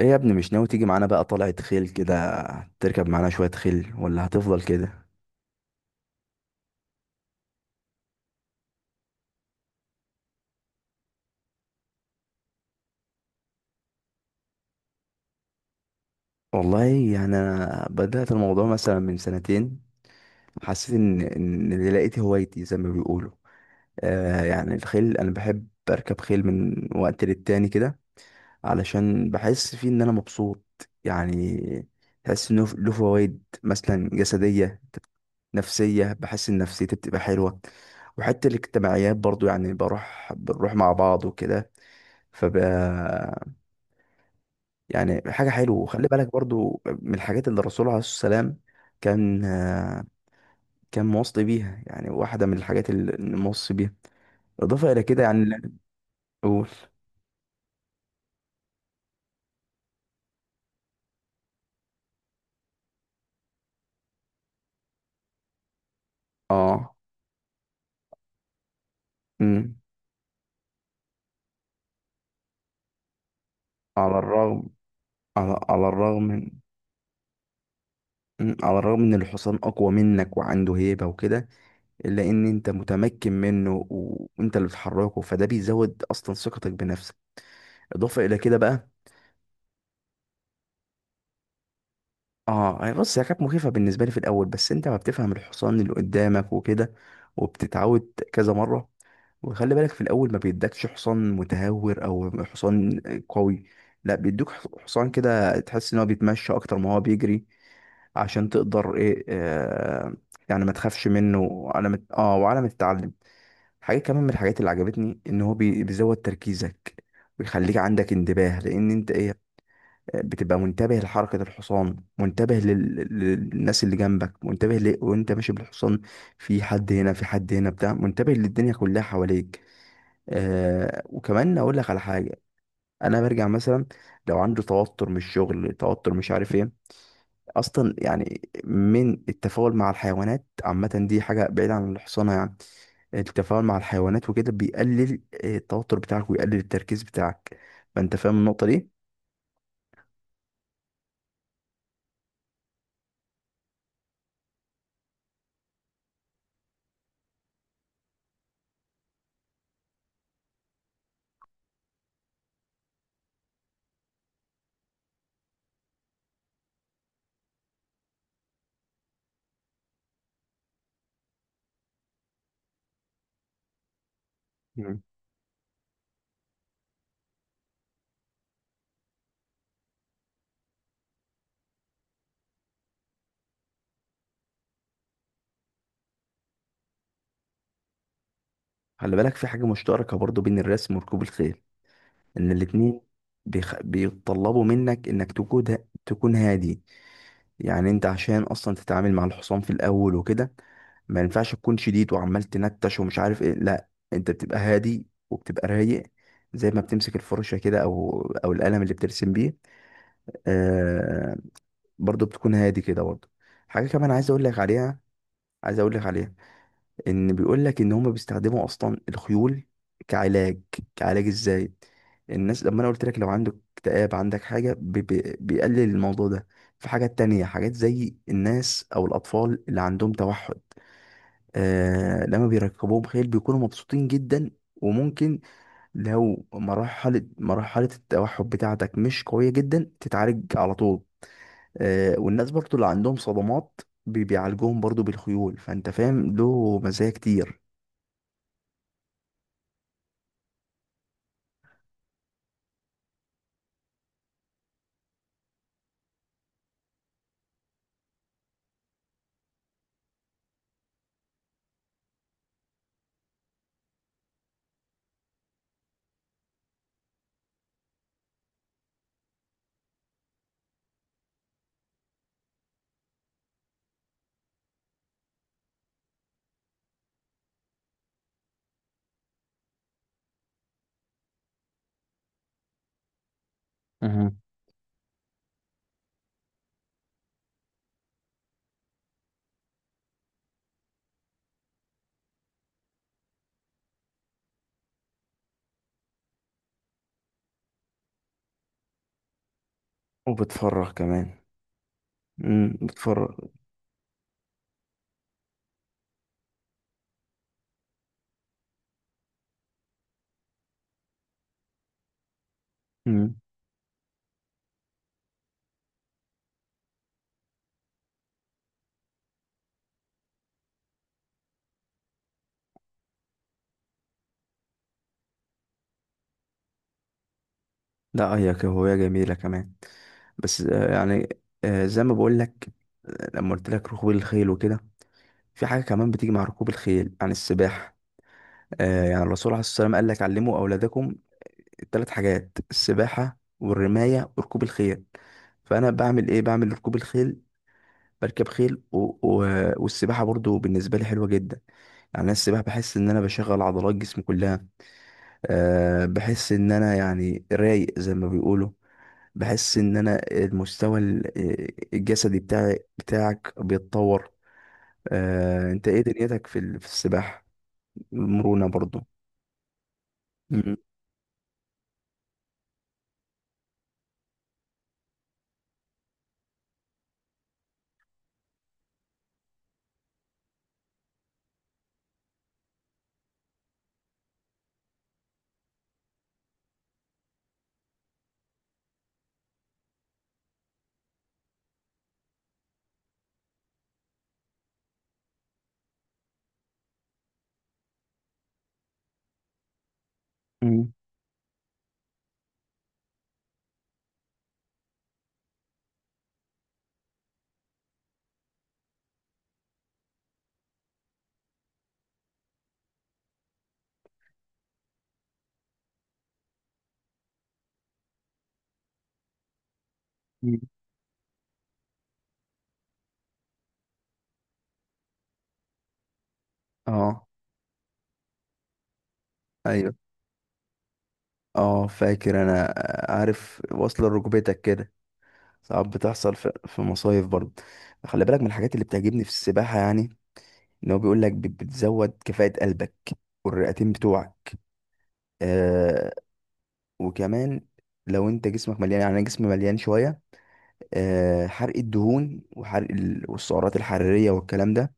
ايه يا ابني مش ناوي تيجي معانا بقى طلعة خيل كده؟ تركب معانا شوية خيل ولا هتفضل كده؟ والله يعني انا بدأت الموضوع مثلا من سنتين، حسيت ان اللي لقيت هوايتي زي ما بيقولوا. آه، يعني الخيل انا بحب اركب خيل من وقت للتاني كده، علشان بحس فيه ان انا مبسوط يعني. بحس انه له فوائد مثلا جسدية، نفسية. بحس إن نفسيتي بتبقى حلوة، وحتى الاجتماعيات برضو يعني بنروح مع بعض وكده. فبقى يعني حاجة حلوة. وخلي بالك برضو من الحاجات اللي الرسول عليه الصلاة والسلام كان كان موصي بيها، يعني واحدة من الحاجات اللي موصي بيها. إضافة إلى كده يعني قول. اه. امم. على الرغم على الرغم من. على الرغم ان الحصان اقوى منك وعنده هيبة وكده، لان انت متمكن منه وانت اللي بتحركه، فده بيزود اصلا ثقتك بنفسك. اضافه الى كده بقى. اه هي، بص، هي كانت مخيفه بالنسبه لي في الاول، بس انت ما بتفهم الحصان اللي قدامك وكده وبتتعود كذا مره. وخلي بالك في الاول ما بيدكش حصان متهور او حصان قوي، لا بيدوك حصان كده تحس ان هو بيتمشى اكتر ما هو بيجري، عشان تقدر ايه، آه، يعني ما تخافش منه، وعلى ما وعلى ما تتعلم. حاجة كمان من الحاجات اللي عجبتني ان هو بيزود تركيزك ويخليك عندك انتباه، لان انت ايه، بتبقى منتبه لحركة الحصان، منتبه للناس اللي جنبك، منتبه وانت ماشي بالحصان، في حد هنا، في حد هنا بتاع، منتبه للدنيا كلها حواليك. آه، وكمان اقول لك على حاجة. انا برجع مثلا، لو عنده توتر من الشغل، توتر مش عارف ايه، اصلا يعني من التفاعل مع الحيوانات عامة، دي حاجة بعيدة عن الحصانة يعني. التفاعل مع الحيوانات وكده بيقلل التوتر بتاعك، ويقلل التركيز بتاعك. فانت فاهم النقطة دي. مم. خلي بالك في حاجة مشتركة برضو بين الرسم وركوب الخيل، ان الاتنين بيطلبوا منك انك تكون هادي. يعني انت عشان اصلا تتعامل مع الحصان في الاول وكده، ما ينفعش تكون شديد وعمال تنتش ومش عارف ايه، لا، انت بتبقى هادي وبتبقى رايق، زي ما بتمسك الفرشة كده، او القلم اللي بترسم بيه، آه، برضه بتكون هادي كده برضه. حاجة كمان عايز اقول لك عليها، عايز اقول لك عليها ان بيقول لك ان هم بيستخدموا اصلا الخيول كعلاج. كعلاج ازاي؟ الناس لما انا قلت لك لو عندك اكتئاب، عندك حاجة بي بي بيقلل الموضوع ده. في حاجات تانية، حاجات زي الناس او الاطفال اللي عندهم توحد، آه، لما بيركبوهم خيل بيكونوا مبسوطين جدا. وممكن لو مرحلة التوحد بتاعتك مش قوية جدا تتعالج على طول. آه، والناس برضو اللي عندهم صدمات بيعالجوهم برضو بالخيول. فانت فاهم له مزايا كتير. أها. وبتفرح كمان. امم، بتفرح. امم. لا، هي كهواية جميلة كمان، بس آه، يعني آه، زي ما بقول لك، لما قلت لك ركوب الخيل وكده، في حاجة كمان بتيجي مع ركوب الخيل يعني السباحة. آه، يعني الرسول عليه الصلاة والسلام قال لك علموا أولادكم الثلاث حاجات: السباحة والرماية وركوب الخيل. فأنا بعمل إيه؟ بعمل ركوب الخيل، بركب خيل والسباحة برضو بالنسبة لي حلوة جدا. يعني أنا السباحة بحس إن أنا بشغل عضلات جسمي كلها. أه بحس إن أنا يعني رايق زي ما بيقولوا، بحس إن أنا المستوى آه، الجسدي بتاعي بتاعك بيتطور. أه أنت إيه دنيتك في السباحة؟ المرونة برضو. مم. مم. مم. اه. ايوه. اه فاكر انا، آه، عارف واصلة ركبتك كده، ساعات بتحصل في مصايف برضه. خلي بالك من الحاجات اللي بتعجبني في السباحة يعني، ان هو بيقول لك بتزود كفاءة قلبك والرئتين بتوعك. آه. وكمان لو انت جسمك مليان، يعني انا جسمي مليان شوية، آه، حرق الدهون وحرق والسعرات الحرارية والكلام ده،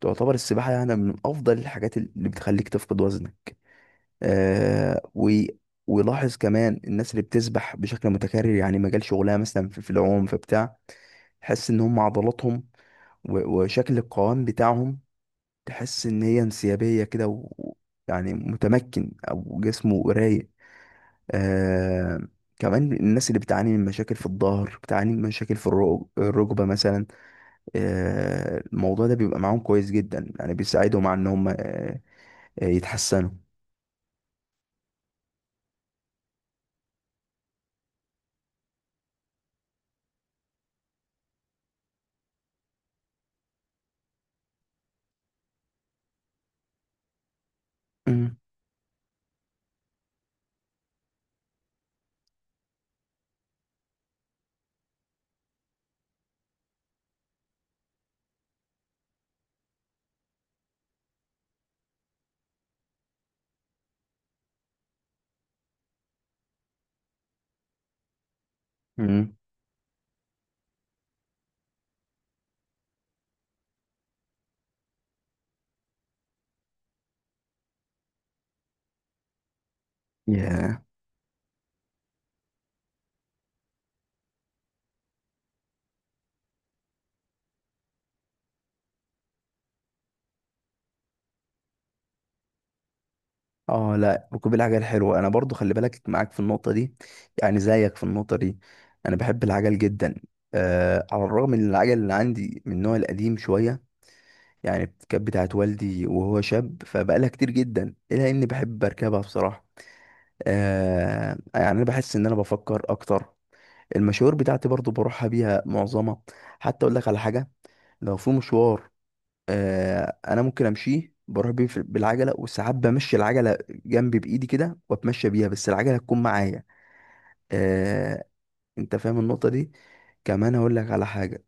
تعتبر السباحة يعني من افضل الحاجات اللي بتخليك تفقد وزنك. آه. و ولاحظ كمان الناس اللي بتسبح بشكل متكرر، يعني مجال شغلها مثلا في العوم في بتاع، تحس ان هم عضلاتهم وشكل القوام بتاعهم، تحس ان هي انسيابيه كده يعني متمكن او جسمه رايق. آه. كمان الناس اللي بتعاني من مشاكل في الظهر، بتعاني من مشاكل في الركبه مثلا، آه، الموضوع ده بيبقى معاهم كويس جدا، يعني بيساعدهم على ان هم يتحسنوا. امم. اه، لا ركوب العجل حلو، انا برضو خلي بالك معاك في النقطه دي، يعني زيك في النقطه دي. انا بحب العجل جدا، آه، على الرغم ان العجل اللي عندي من النوع القديم شويه، يعني كانت بتاعت والدي وهو شاب، فبقالها كتير جدا، الا اني بحب اركبها بصراحه. آه، يعني انا بحس ان انا بفكر اكتر. المشاوير بتاعتي برضو بروحها بيها معظمها. حتى اقول لك على حاجه، لو في مشوار، آه، انا ممكن امشيه بروح بيه بالعجله، وساعات بمشي العجله جنبي بايدي كده واتمشى بيها، بس العجله تكون معايا. آه. انت فاهم النقطه دي. كمان اقول لك على حاجه،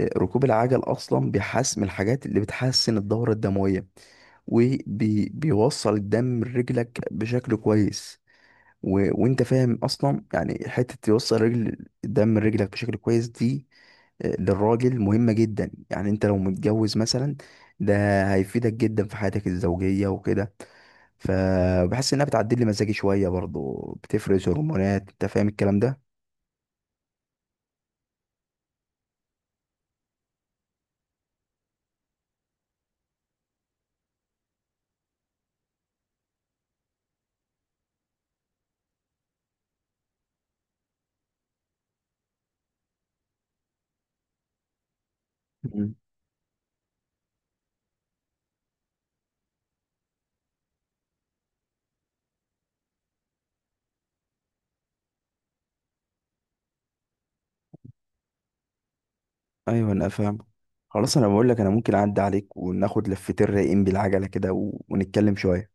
آه، ركوب العجل اصلا بيحسن، من الحاجات اللي بتحسن الدوره الدمويه، وبيوصل الدم لرجلك بشكل كويس وانت فاهم اصلا، يعني حته توصل رجل الدم لرجلك بشكل كويس دي، آه، للراجل مهمه جدا. يعني انت لو متجوز مثلا، ده هيفيدك جدا في حياتك الزوجيه وكده. فبحس انها بتعدل لي مزاجي شويه برضو، بتفرز هرمونات، انت فاهم الكلام ده. مم. ايوه انا فاهم. خلاص، انا بقول لك انا ممكن اعدي عليك وناخد لفتين رايقين بالعجله كده ونتكلم شويه.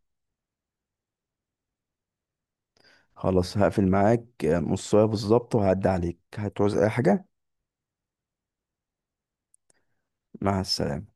خلاص، هقفل معاك، آه، نص ساعه بالظبط وهعدي عليك. هتعوز اي حاجه؟ مع السلامه.